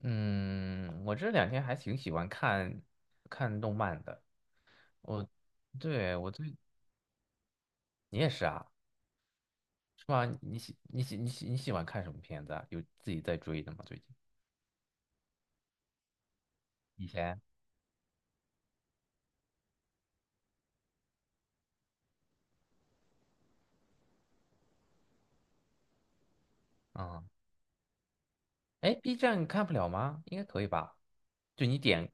嗯，我这两天还挺喜欢看看动漫的。我，对，我最，你也是啊，是吧？你喜欢看什么片子啊？有自己在追的吗？最近？以前？嗯，哎，B 站看不了吗？应该可以吧？就你点，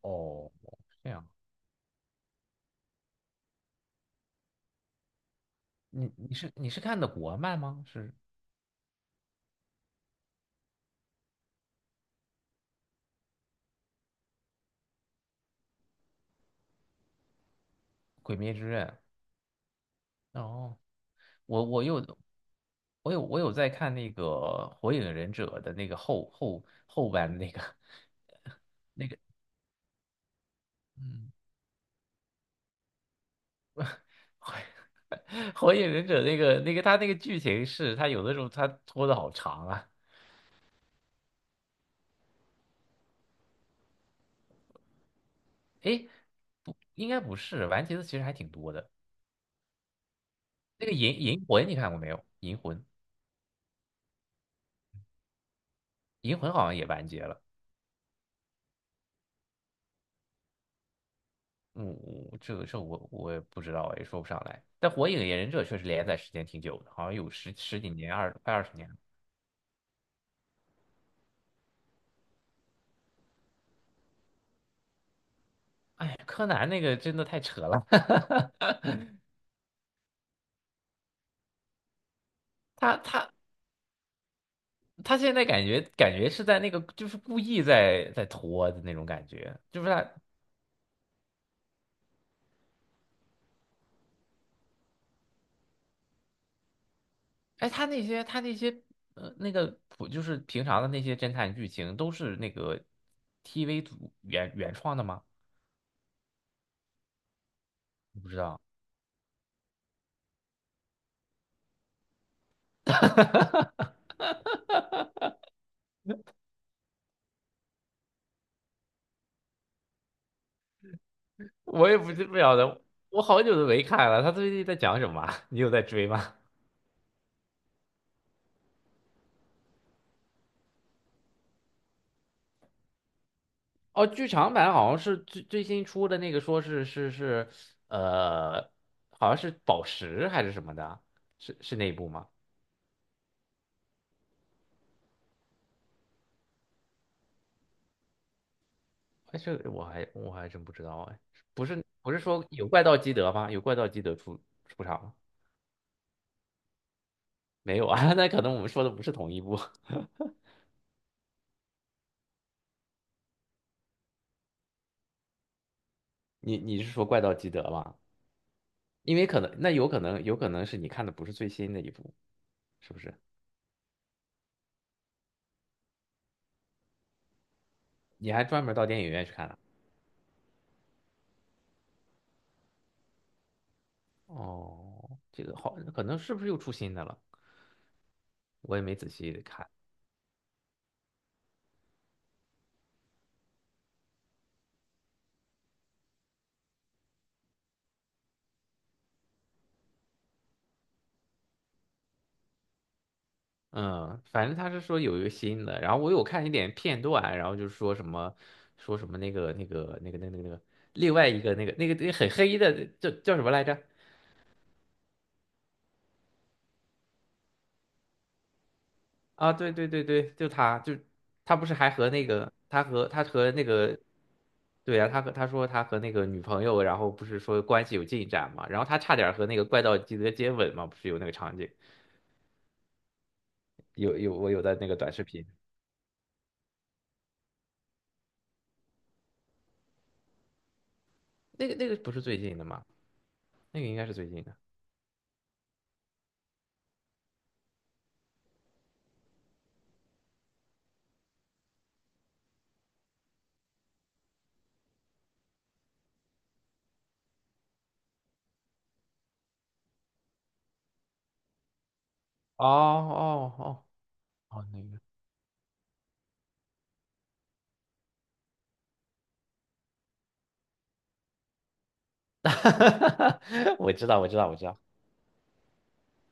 哦，是这样。你是看的国漫吗？是《鬼灭之刃》？哦，我又我有在看那个《火影忍者》的那个后半那个，嗯，《火影忍者》那个他那个剧情是，他有的时候他拖的好长啊。诶，不，应该不是，完结的其实还挺多的。那个银魂你看过没有？银魂，银魂好像也完结了。嗯，我这个这我我也不知道，也说不上来。但《火影忍者》确实连载时间挺久的，好像有十几年，快二十年。哎柯南那个真的太扯了，他他他现在感觉是在那个就是故意在拖的那种感觉，就是他哎他那些呃那个普就是平常的那些侦探剧情都是那个 TV 组原创的吗？我不知道，我也不晓得，我好久都没看了，他最近在讲什么啊 你有在追吗？哦，剧场版好像是最新出的那个，说呃，好像是宝石还是什么的啊，是那一部吗？哎，这个我还真不知道哎，不是说有怪盗基德吗？有怪盗基德出场吗？没有啊，那可能我们说的不是同一部。你是说怪盗基德吗？因为可能那有可能有可能是你看的不是最新的一部，是不是？你还专门到电影院去看了？哦，这个好，可能是不是又出新的了？我也没仔细看。嗯，反正他是说有一个新的，然后我有看一点片段，然后就说什么那个另外一个那个很黑的叫什么来着？啊，对对对对，就他他不是还和那个他和那个对啊，他和那个女朋友，然后不是说关系有进展嘛，然后他差点和那个怪盗基德接吻嘛，不是有那个场景，我有的那个短视频，那个不是最近的吗？那个应该是最近的。哦哦哦哦，那个。哈哈哈，我知道，我知道，我知道。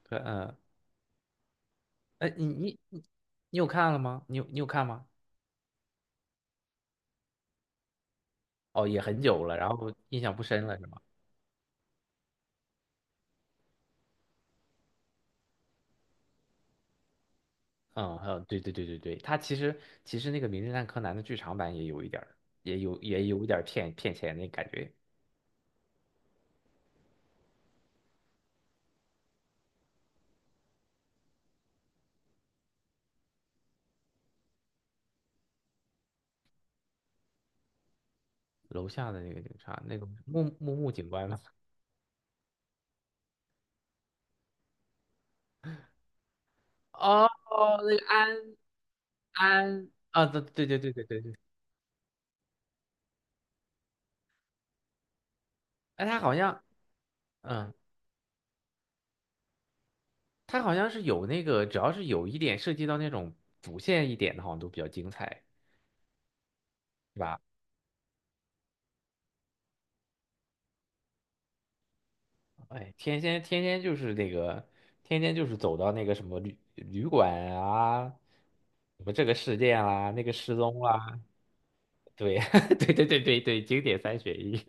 嗯，哎，你有看了吗？你有看吗？哦，也很久了，然后印象不深了，是吗？嗯还有，对对对对对，它其实那个《名侦探柯南》的剧场版也有一点儿，也有一点儿骗骗钱那感觉。楼下的那个警察，那个木警官吗？哦，那个安啊，对对对对对对对，哎，他好像，嗯，他好像是有那个，只要是有一点涉及到那种主线一点的，好像都比较精彩。是吧？哎，天天就是那个，天天就是走到那个什么旅馆啊，什么这个事件啦、那个失踪啦、对，对对对对对，经典三选一，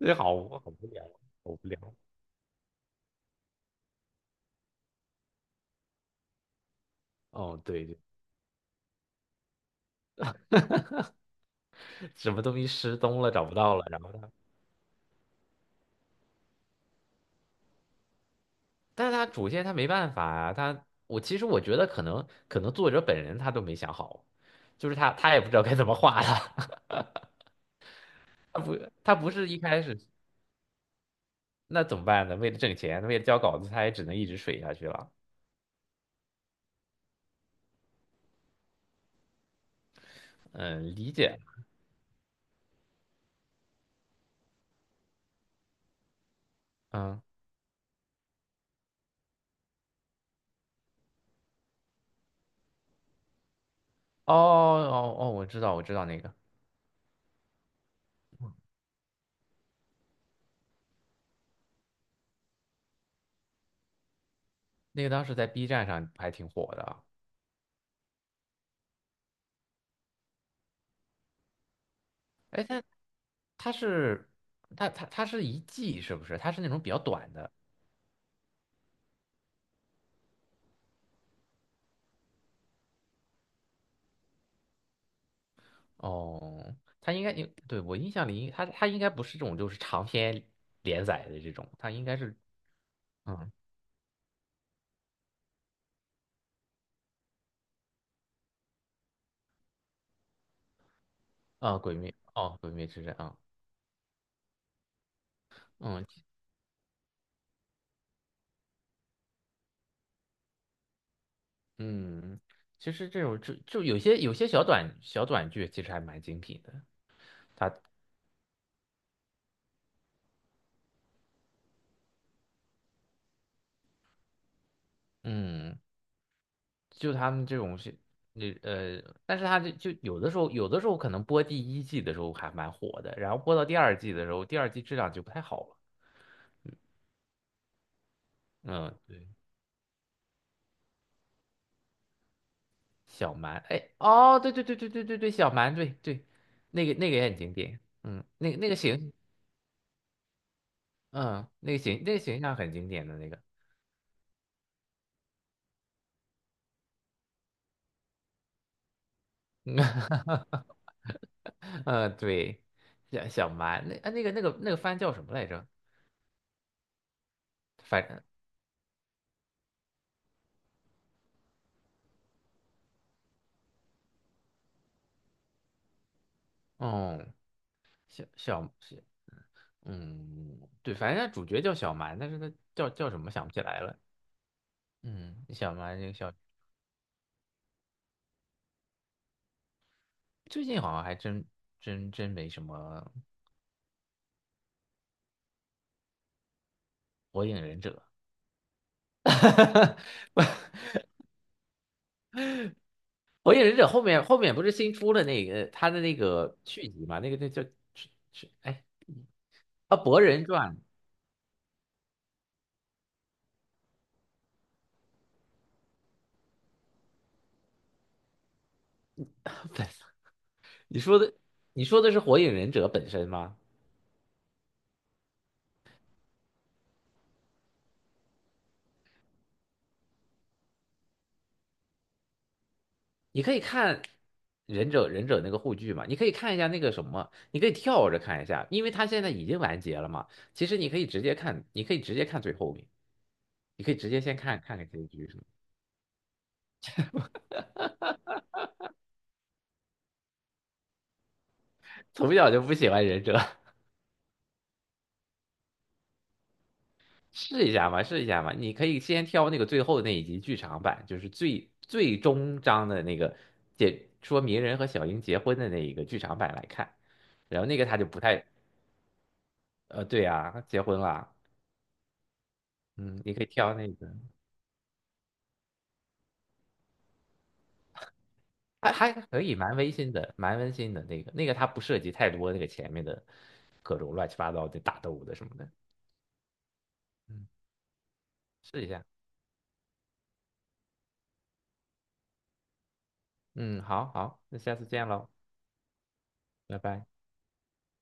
这好无聊，好无聊。哦，对对，什么东西失踪了，找不到了，然后他，但是他主线他没办法啊，我其实我觉得可能作者本人他都没想好，就是他也不知道该怎么画了，他不他不是一开始。那怎么办呢？为了挣钱，为了交稿子，他也只能一直水下去了。嗯，理解。嗯，哦，我知道，我知道那个，那个当时在 B 站上还挺火的啊。哎，他是他是一季是不是？他是那种比较短的。哦，他应该应对我印象里，他应该不是这种就是长篇连载的这种，他应该是嗯啊，鬼灭哦，鬼灭之刃啊，嗯嗯。其实这种有些小短剧，其实还蛮精品的。他嗯，就他们这种是，那呃，但是他就就有的时候，有的时候可能播第一季的时候还蛮火的，然后播到第二季的时候，第二季质量就不太好了。嗯，对，小蛮，哎，哦，对对对对对对对，小蛮，对对，那个也很经典，嗯，那个那个形，嗯，那个形象很经典的那个，嗯，对，小蛮，那啊那个那个那个番叫什么来着？反正，嗯，小小。嗯，对，反正他主角叫小蛮，但是他叫什么想不起来了。嗯，小蛮这个小，最近好像还真没什么《火影忍者》。火影忍者后面不是新出了那个他的那个续集嘛？那叫是是哎啊《博人传》。你说的你说的是《火影忍者》本身吗？你可以看忍者那个护具嘛，你可以看一下那个什么，你可以跳着看一下，因为它现在已经完结了嘛。其实你可以直接看，你可以直接看最后面，你可以直接先看看结局什么。从小就不喜欢忍者，试一下嘛，试一下嘛。你可以先挑那个最后那一集剧场版，就是最终章的那个解说鸣人和小樱结婚的那一个剧场版来看，然后那个他就不太对啊，结婚了，嗯，你可以挑那个。还可以，蛮温馨的，蛮温馨的那个，它不涉及太多那个前面的各种乱七八糟的打斗的什么的。嗯，试一下。嗯，好好，那下次见喽，拜拜。